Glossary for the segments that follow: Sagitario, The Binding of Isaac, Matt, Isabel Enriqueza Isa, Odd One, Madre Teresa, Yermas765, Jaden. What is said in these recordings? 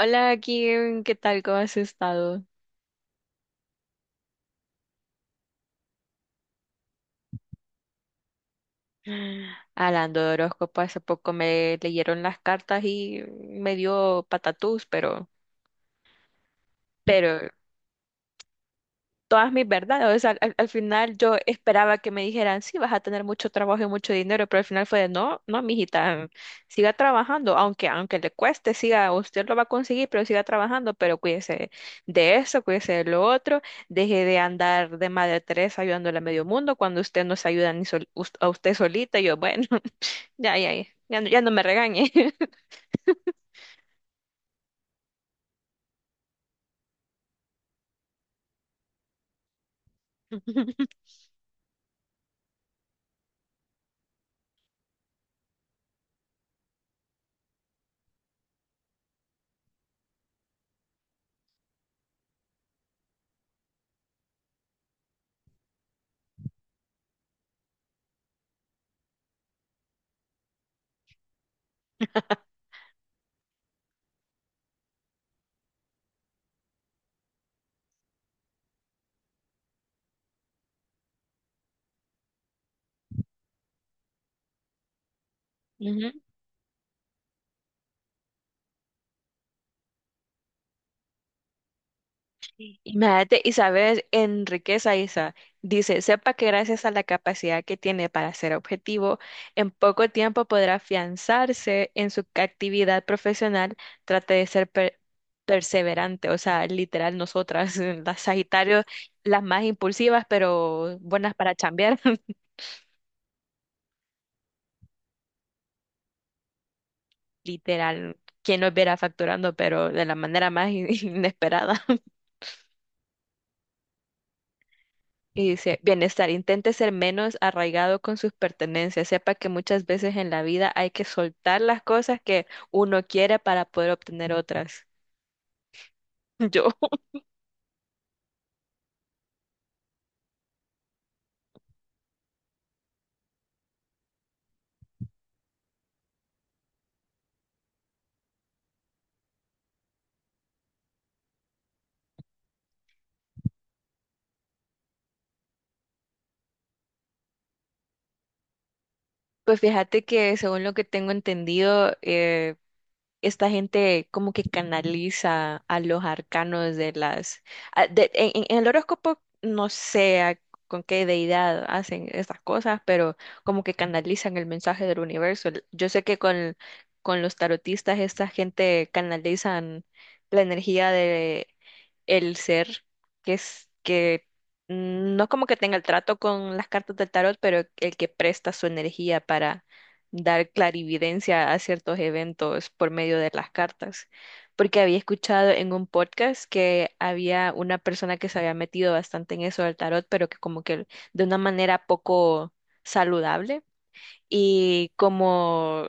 Hola Kim, ¿qué tal? ¿Cómo has estado? Hablando de horóscopo, hace poco me leyeron las cartas y me dio patatús, pero todas mis verdades. O sea, al final yo esperaba que me dijeran, sí, vas a tener mucho trabajo y mucho dinero, pero al final fue de, no, no, mijita, siga trabajando, aunque le cueste, siga, usted lo va a conseguir, pero siga trabajando, pero cuídese de eso, cuídese de lo otro, deje de andar de Madre Teresa ayudándole a medio mundo cuando usted no se ayuda ni a usted solita. Y yo, bueno. Ya, ya, ya. No, ya no me regañe. Ujú. Imagínate, Isabel Enriqueza Isa dice, sepa que gracias a la capacidad que tiene para ser objetivo, en poco tiempo podrá afianzarse en su actividad profesional, trate de ser perseverante, o sea, literal nosotras, las Sagitario, las más impulsivas, pero buenas para chambear, literal, quien nos viera facturando, pero de la manera más inesperada. Y dice, bienestar, intente ser menos arraigado con sus pertenencias. Sepa que muchas veces en la vida hay que soltar las cosas que uno quiere para poder obtener otras. Yo, pues fíjate que según lo que tengo entendido, esta gente como que canaliza a los arcanos de las... en el horóscopo no sé con qué deidad hacen estas cosas, pero como que canalizan el mensaje del universo. Yo sé que con los tarotistas esta gente canalizan la energía de el ser, que es que no como que tenga el trato con las cartas del tarot, pero el que presta su energía dar clarividencia a ciertos eventos por medio de las cartas, porque había escuchado en un podcast que había una persona que se había metido bastante en eso del tarot, pero que como que de una manera poco saludable y como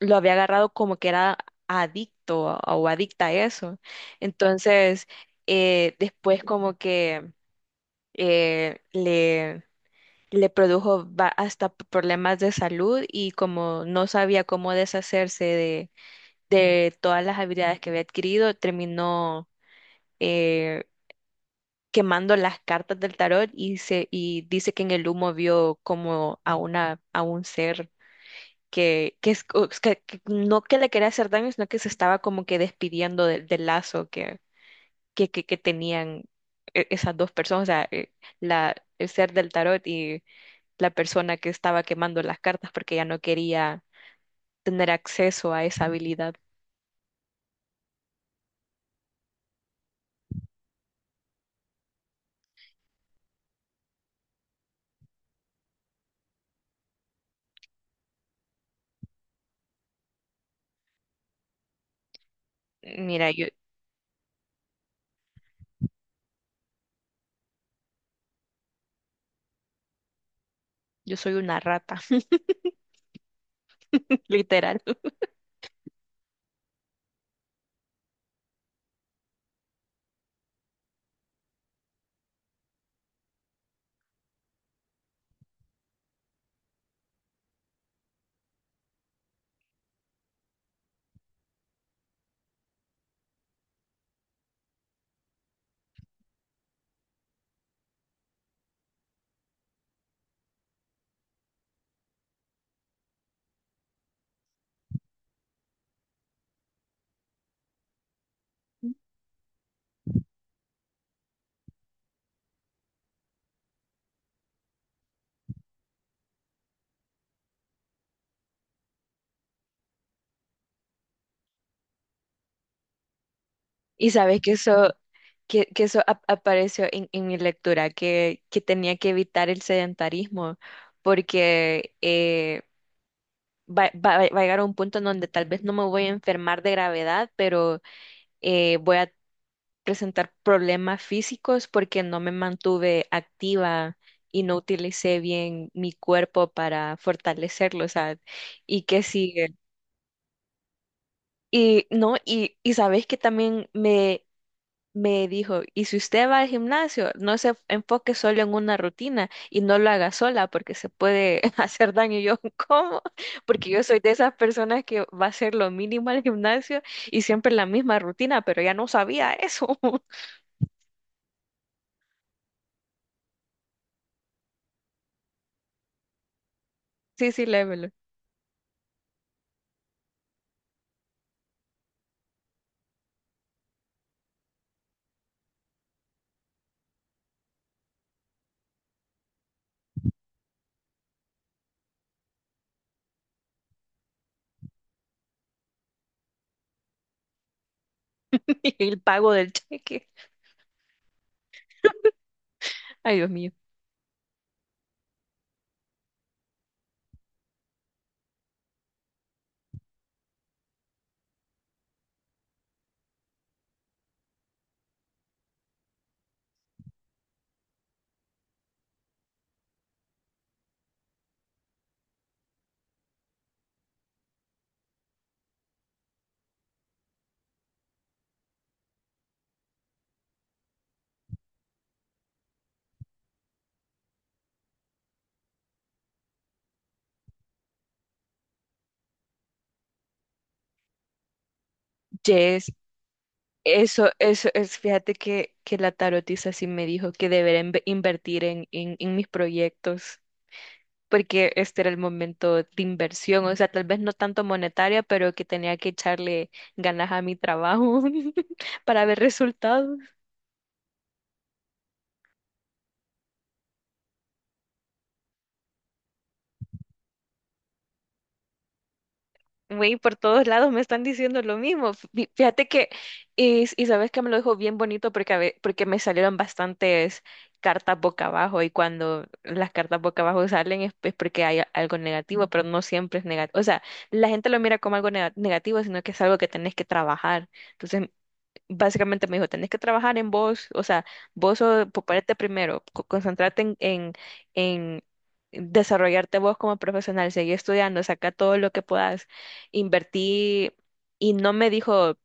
lo había agarrado como que era adicto o adicta a eso. Entonces, después como que le le produjo hasta problemas de salud y como no sabía cómo deshacerse de todas las habilidades que había adquirido, terminó eh, quemando las cartas del tarot y, se, y dice que en el humo vio como a, una, a un ser que no que le quería hacer daño, sino que se estaba como que despidiendo del del lazo que tenían esas dos personas, o sea, el ser del tarot y la persona que estaba quemando las cartas porque ya no quería tener acceso a esa habilidad. Mira, yo soy una rata, literal. Y sabes que eso, apareció en mi lectura, que tenía que evitar el sedentarismo, porque va a llegar a un punto en donde tal vez no me voy a enfermar de gravedad, pero voy a presentar problemas físicos porque no me mantuve activa y no utilicé bien mi cuerpo para fortalecerlo, o sea, y que sigue. Y no, y sabes que también me dijo, y si usted va al gimnasio, no se enfoque solo en una rutina y no lo haga sola porque se puede hacer daño. Y yo, ¿cómo? Porque yo soy de esas personas que va a hacer lo mínimo al gimnasio y siempre la misma rutina, pero ya no sabía eso. Sí, sí, lévelo. El pago del cheque. Ay, Dios mío. Yes, eso es, fíjate que la tarotista sí me dijo que debería invertir en, en mis proyectos, porque este era el momento de inversión, o sea, tal vez no tanto monetaria, pero que tenía que echarle ganas a mi trabajo para ver resultados. Güey, por todos lados me están diciendo lo mismo. Fíjate que, y sabes que me lo dijo bien bonito porque, porque me salieron bastantes cartas boca abajo y cuando las cartas boca abajo salen es porque hay algo negativo, pero no siempre es negativo. O sea, la gente lo mira como algo negativo, sino que es algo que tenés que trabajar. Entonces, básicamente me dijo, tenés que trabajar en vos, o sea, vos sos- ponerte primero, concentrarte en desarrollarte vos como profesional, seguir estudiando, saca todo lo que puedas, invertí, y no me dijo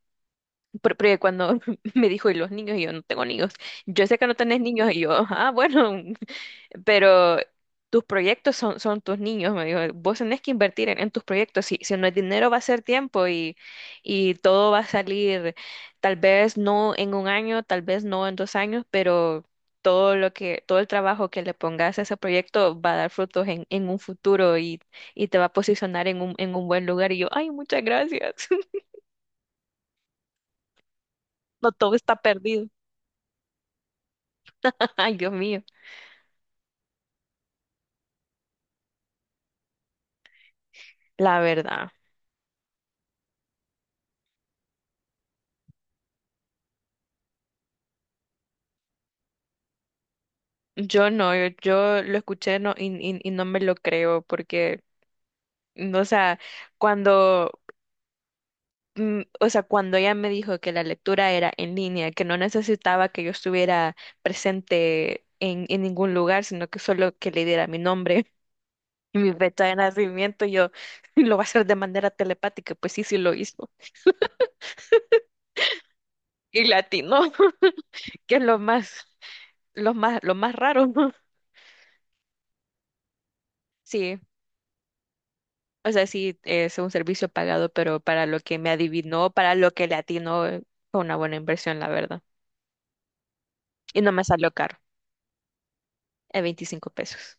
porque cuando me dijo, ¿y los niños? Y yo, no tengo niños. Yo sé que no tenés niños. Y yo, ah, bueno, pero tus proyectos son tus niños. Me dijo, vos tenés que invertir en tus proyectos. Si, si no es dinero, va a ser tiempo y todo va a salir, tal vez no en un año, tal vez no en 2 años, pero todo lo que, todo el trabajo que le pongas a ese proyecto va a dar frutos en un futuro y te va a posicionar en un buen lugar. Y yo, ay, muchas gracias. No todo está perdido. Ay, Dios mío. La verdad, yo no, yo lo escuché no, y no me lo creo porque, o sea, cuando, o sea, cuando ella me dijo que la lectura era en línea, que no necesitaba que yo estuviera presente en ningún lugar, sino que solo que le diera mi nombre y mi fecha de nacimiento, yo lo va a hacer de manera telepática, pues sí, sí lo hizo. Y latino, que es lo más, lo más, lo más raro. Sí. O sea, sí, es un servicio pagado, pero para lo que me adivinó, para lo que le atinó, fue una buena inversión, la verdad. Y no me salió caro, a 25 pesos.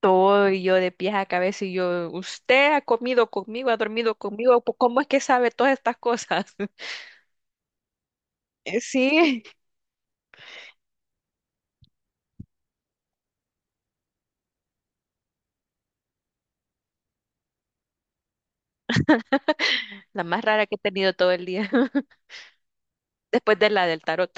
Todo y yo de pies a cabeza y yo, usted ha comido conmigo, ha dormido conmigo, ¿cómo es que sabe todas estas cosas? Sí, la más rara que he tenido todo el día, después de la del tarot.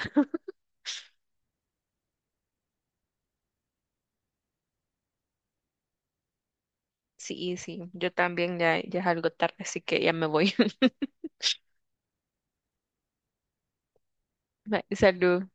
Sí, sí, yo también ya, ya es algo tarde, así que ya me voy. Bye, Salud.